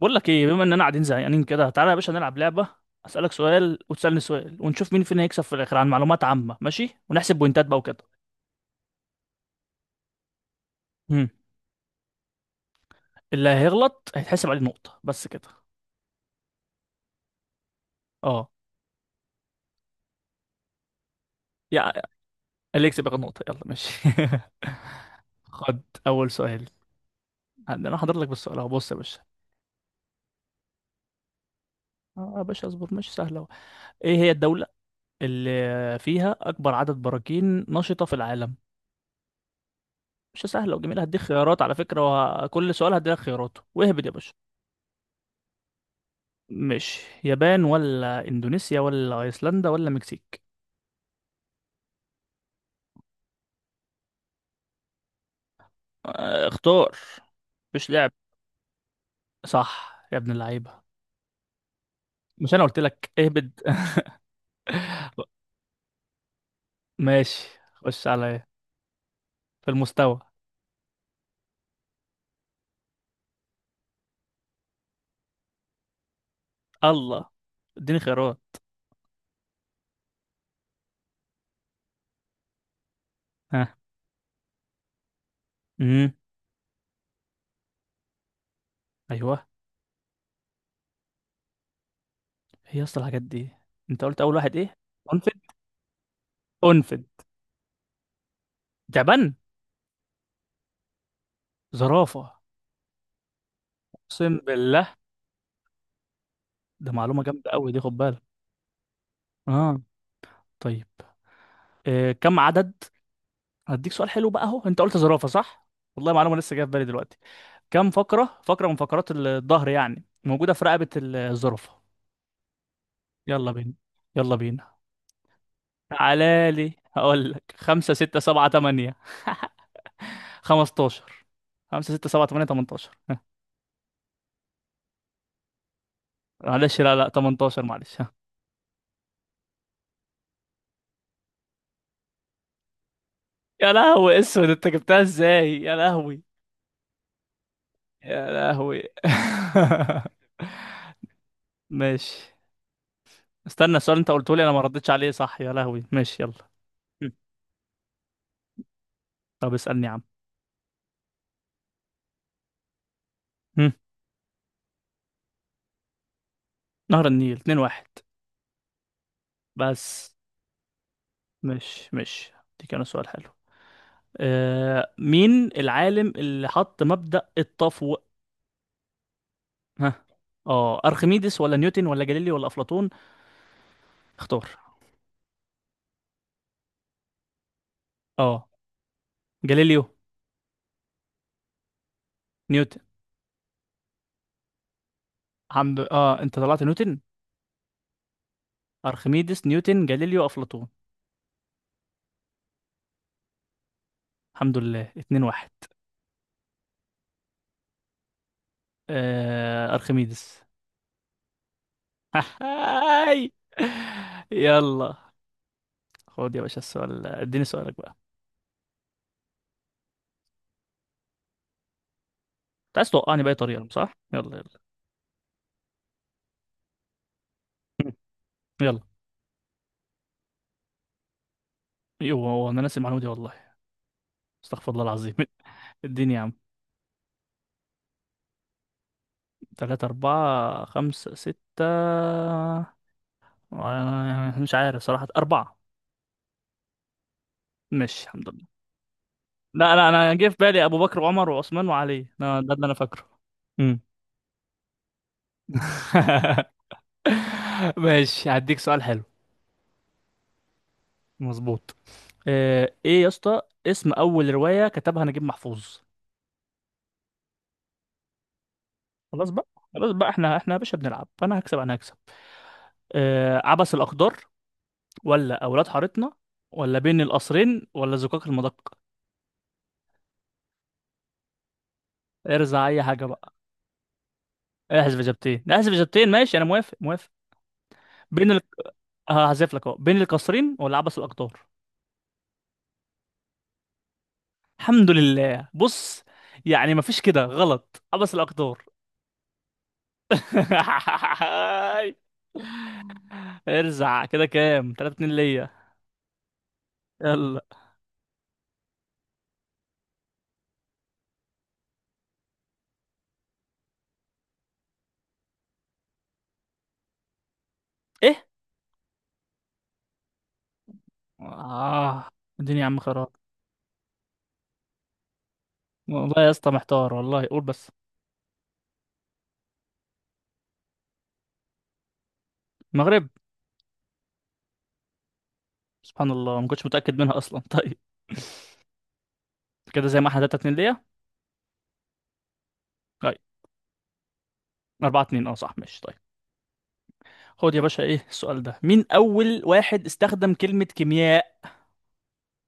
بقول لك ايه، بما اننا قاعدين زهقانين كده، تعالى يا باشا نلعب لعبه. اسالك سؤال وتسالني سؤال، ونشوف مين فينا هيكسب في الاخر عن معلومات عامه. ماشي، ونحسب بوينتات بقى وكده. امم اللي هيغلط هيتحسب عليه نقطه بس كده. اه. يا اللي يكسب ياخد نقطه، يلا ماشي. خد. اول سؤال. انا حاضر لك بالسؤال اهو، بص يا باشا. اه يا باشا اصبر، ماشي سهله اهو. ايه هي الدوله اللي فيها اكبر عدد براكين نشطه في العالم؟ مش سهله وجميله؟ هديك خيارات على فكره. وكل سؤال هديلك خياراته واهبد يا باشا. مش يابان ولا اندونيسيا ولا ايسلندا ولا مكسيك؟ آه، اختار، مش لعب. صح يا ابن اللعيبه. مش انا قلت لك اهبد؟ ماشي. خش عليا في المستوى. الله. اديني خيارات. ها. امم. ايوه. هي اصل الحاجات دي. انت قلت اول واحد ايه؟ انفد. انفد. تعبان. زرافه. اقسم بالله. ده معلومه جامده قوي دي، خد بالك. اه. طيب. إيه كم عدد؟ هديك سؤال حلو بقى اهو. انت قلت زرافه، صح؟ والله معلومه لسه جايه في بالي دلوقتي. كام فقرة من فقرات الظهر يعني موجودة في رقبة الزرافة؟ يلا بينا، يلا بينا. تعالى لي هقول لك: خمسة، ستة، سبعة، تمانية. 15. خمسة، ستة، سبعة، تمانية، 18، ها. معلش، لا لا، 18، معلش، ها. يا لهوي اسود، انت جبتها ازاي؟ يا لهوي. يا لهوي. ماشي. استنى، السؤال انت قلته لي انا ما ردتش عليه، صح؟ يا لهوي، ماشي يلا. م. طب اسألني يا عم. م. نهر النيل، 2-1. بس، مش دي كان سؤال حلو. آه، مين العالم اللي حط مبدأ التفوق؟ ها. اه، ارخميدس ولا نيوتن ولا جاليليو ولا افلاطون؟ اختار. اه. جاليليو. نيوتن. الحمد لله. اه، انت طلعت نيوتن. ارخميدس، نيوتن، جاليليو، افلاطون. الحمد لله، 2-1. آه، ارخميدس. هاي. يلا. خد يا باشا السؤال، اديني سؤالك بقى. انت عايز توقعني بأي طريقة، صح؟ يلا يلا. يلا. يوه، هو انا ناسي المعلومة دي والله. استغفر الله العظيم. اديني يا عم. تلاتة، أربعة، خمسة، ستة. آه، مش عارف صراحة. أربعة. مش، الحمد لله. لا لا، أنا جه في بالي أبو بكر وعمر وعثمان وعلي، أنا- ده اللي أنا فاكره. مم. ماشي. هديك سؤال حلو. مظبوط. آه، إيه يا اسطى؟ اسم أول رواية كتبها نجيب محفوظ. خلاص بقى، خلاص بقى. احنا يا باشا بنلعب، فأنا هكسب، أنا هكسب. آه، عبس الأقدار ولا أولاد حارتنا ولا بين القصرين ولا زقاق المدق؟ ارزع أي حاجة. احذف اجابتين، احذف اجابتين. ماشي، انا موافق، موافق. بين ال... هحذف لك اهو: بين القصرين ولا عبس الاقدار. الحمد لله، بص. يعني مفيش كده غلط، عبس الاقدار. ارزع كده، كام 3-2 ليا؟ يلا. ايه. اه، الدنيا يا عم خراب. والله يا اسطى محتار، والله قول بس. المغرب. سبحان الله، ما كنتش متأكد منها اصلا. طيب. كده زي ما احنا 3-2 ليا. طيب. 4-2، اه صح، ماشي طيب. خد يا باشا، ايه السؤال ده. مين اول واحد استخدم كلمة كيمياء؟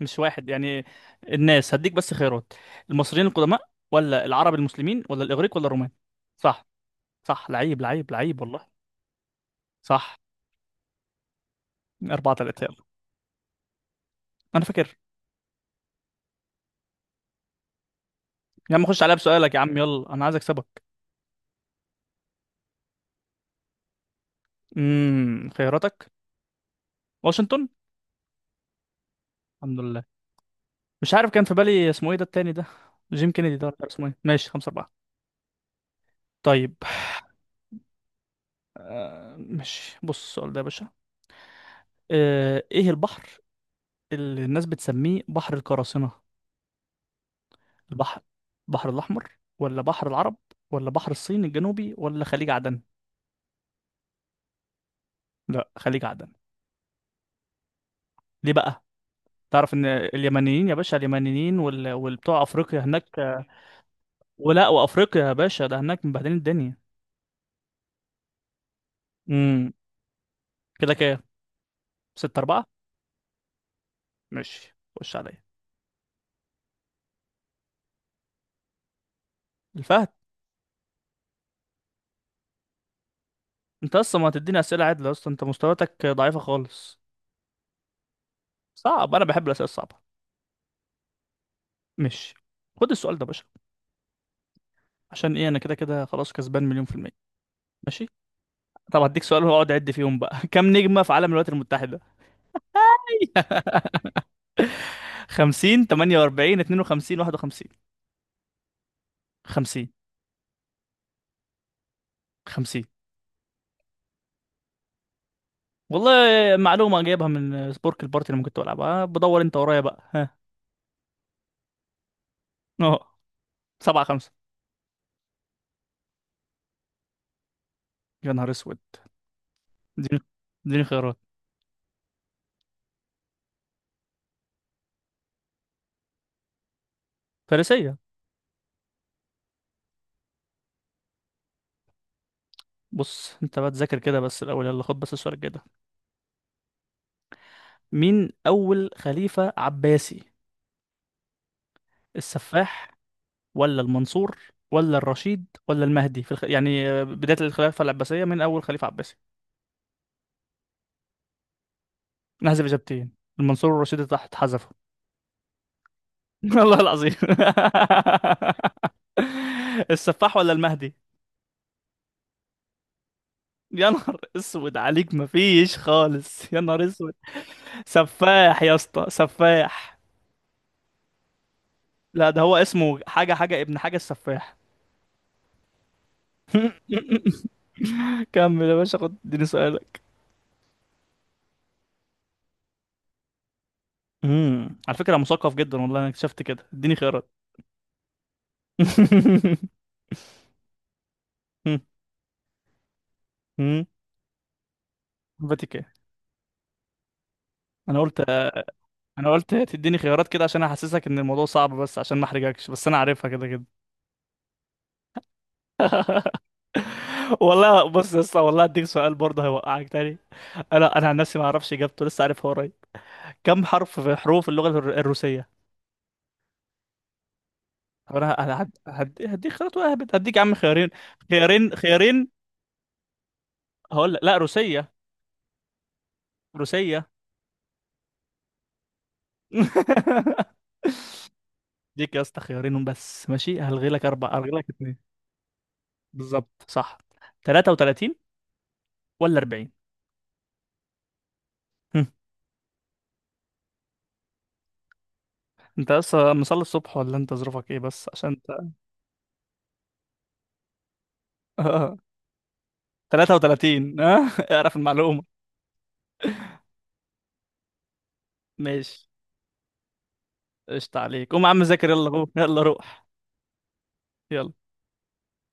مش واحد يعني الناس. هديك بس خيارات: المصريين القدماء ولا العرب المسلمين ولا الاغريق ولا الرومان؟ صح. صح، لعيب، لعيب، لعيب والله. صح. 4-3، يلا. انا فاكر. يا عم خش عليا بسؤالك يا عم، يلا انا عايز اكسبك. خياراتك. واشنطن. الحمد لله. مش عارف كان في بالي اسمه ايه ده التاني ده، جيم كينيدي ده ولا اسمه ايه. ماشي، 5-4. طيب. آه، ماشي، بص السؤال ده يا باشا. آه، ايه البحر اللي الناس بتسميه بحر القراصنة؟ البحر البحر الأحمر ولا بحر العرب ولا بحر الصين الجنوبي ولا خليج عدن؟ لا، خليج عدن. ليه بقى؟ تعرف ان اليمنيين يا باشا، اليمنيين وال... والبتوع افريقيا هناك. ولا وافريقيا يا باشا، ده هناك مبهدلين الدنيا. امم. كده كده. 6-4. ماشي، خش عليا. الفهد. انت اصلا ما هتديني اسئله عدله يا اسطى، انت مستوياتك ضعيفه خالص. صعب، انا بحب الاسئله الصعبه. ماشي. خد السؤال ده يا باشا. عشان ايه؟ انا كده كده خلاص كسبان مليون في المية. ماشي. طب هديك سؤال واقعد عد فيهم بقى. كم نجمة في علم الولايات المتحدة؟ 50، 48، 52، 51. 50. 50. والله معلومة جايبها من سبورك البارتي اللي كنت بلعبها. آه، بدور انت ورايا بقى، ها. اه. 7-5. يا نهار اسود. اديني اديني خيارات. فارسية. بص انت بقى تذاكر كده بس الاول، يلا خد بس السؤال كده. مين اول خليفة عباسي؟ السفاح ولا المنصور ولا الرشيد ولا المهدي؟ في الخ... يعني آه، بداية الخلافة العباسية من أول خليفة عباسي. نحذف إجابتين. المنصور والرشيد تحت، حذفوا. والله العظيم. السفاح ولا المهدي؟ يا نهار اسود عليك، مفيش خالص، يا نهار اسود. سفاح يا اسطى، سفاح. لا، ده هو اسمه حاجة حاجة ابن حاجة السفاح. كمل يا باشا، خد اديني سؤالك. على فكرة مثقف جدا والله، انا اكتشفت كده. اديني خيارات. امم فاتيكان. انا قلت انا قلت تديني خيارات كده عشان احسسك ان الموضوع صعب، بس عشان ما احرجكش، بس انا عارفها كده كده. والله بص يا اسطى، والله هديك سؤال برضه هيوقعك تاني. انا عن نفسي ما اعرفش اجابته، لسه عارفها قريب. كم حرف في حروف اللغه الروسيه؟ طب انا، هديك خيارات واهبد، هديك يا عم خيارين. خيارين، خيارين. هقول لك لا، روسيه. روسيه. ديك يا اسطى خيارين بس ماشي، هلغي لك اربع، هلغي لك اتنين. بالظبط، صح. 33 ولا 40؟ انت لسه مصلي الصبح ولا انت ظروفك ايه بس عشان انت؟ اه، 33. اه. اعرف المعلومة. ماشي، قشطة عليك، قوم يا عم ذاكر، يلا قوم، يلا روح. يلا.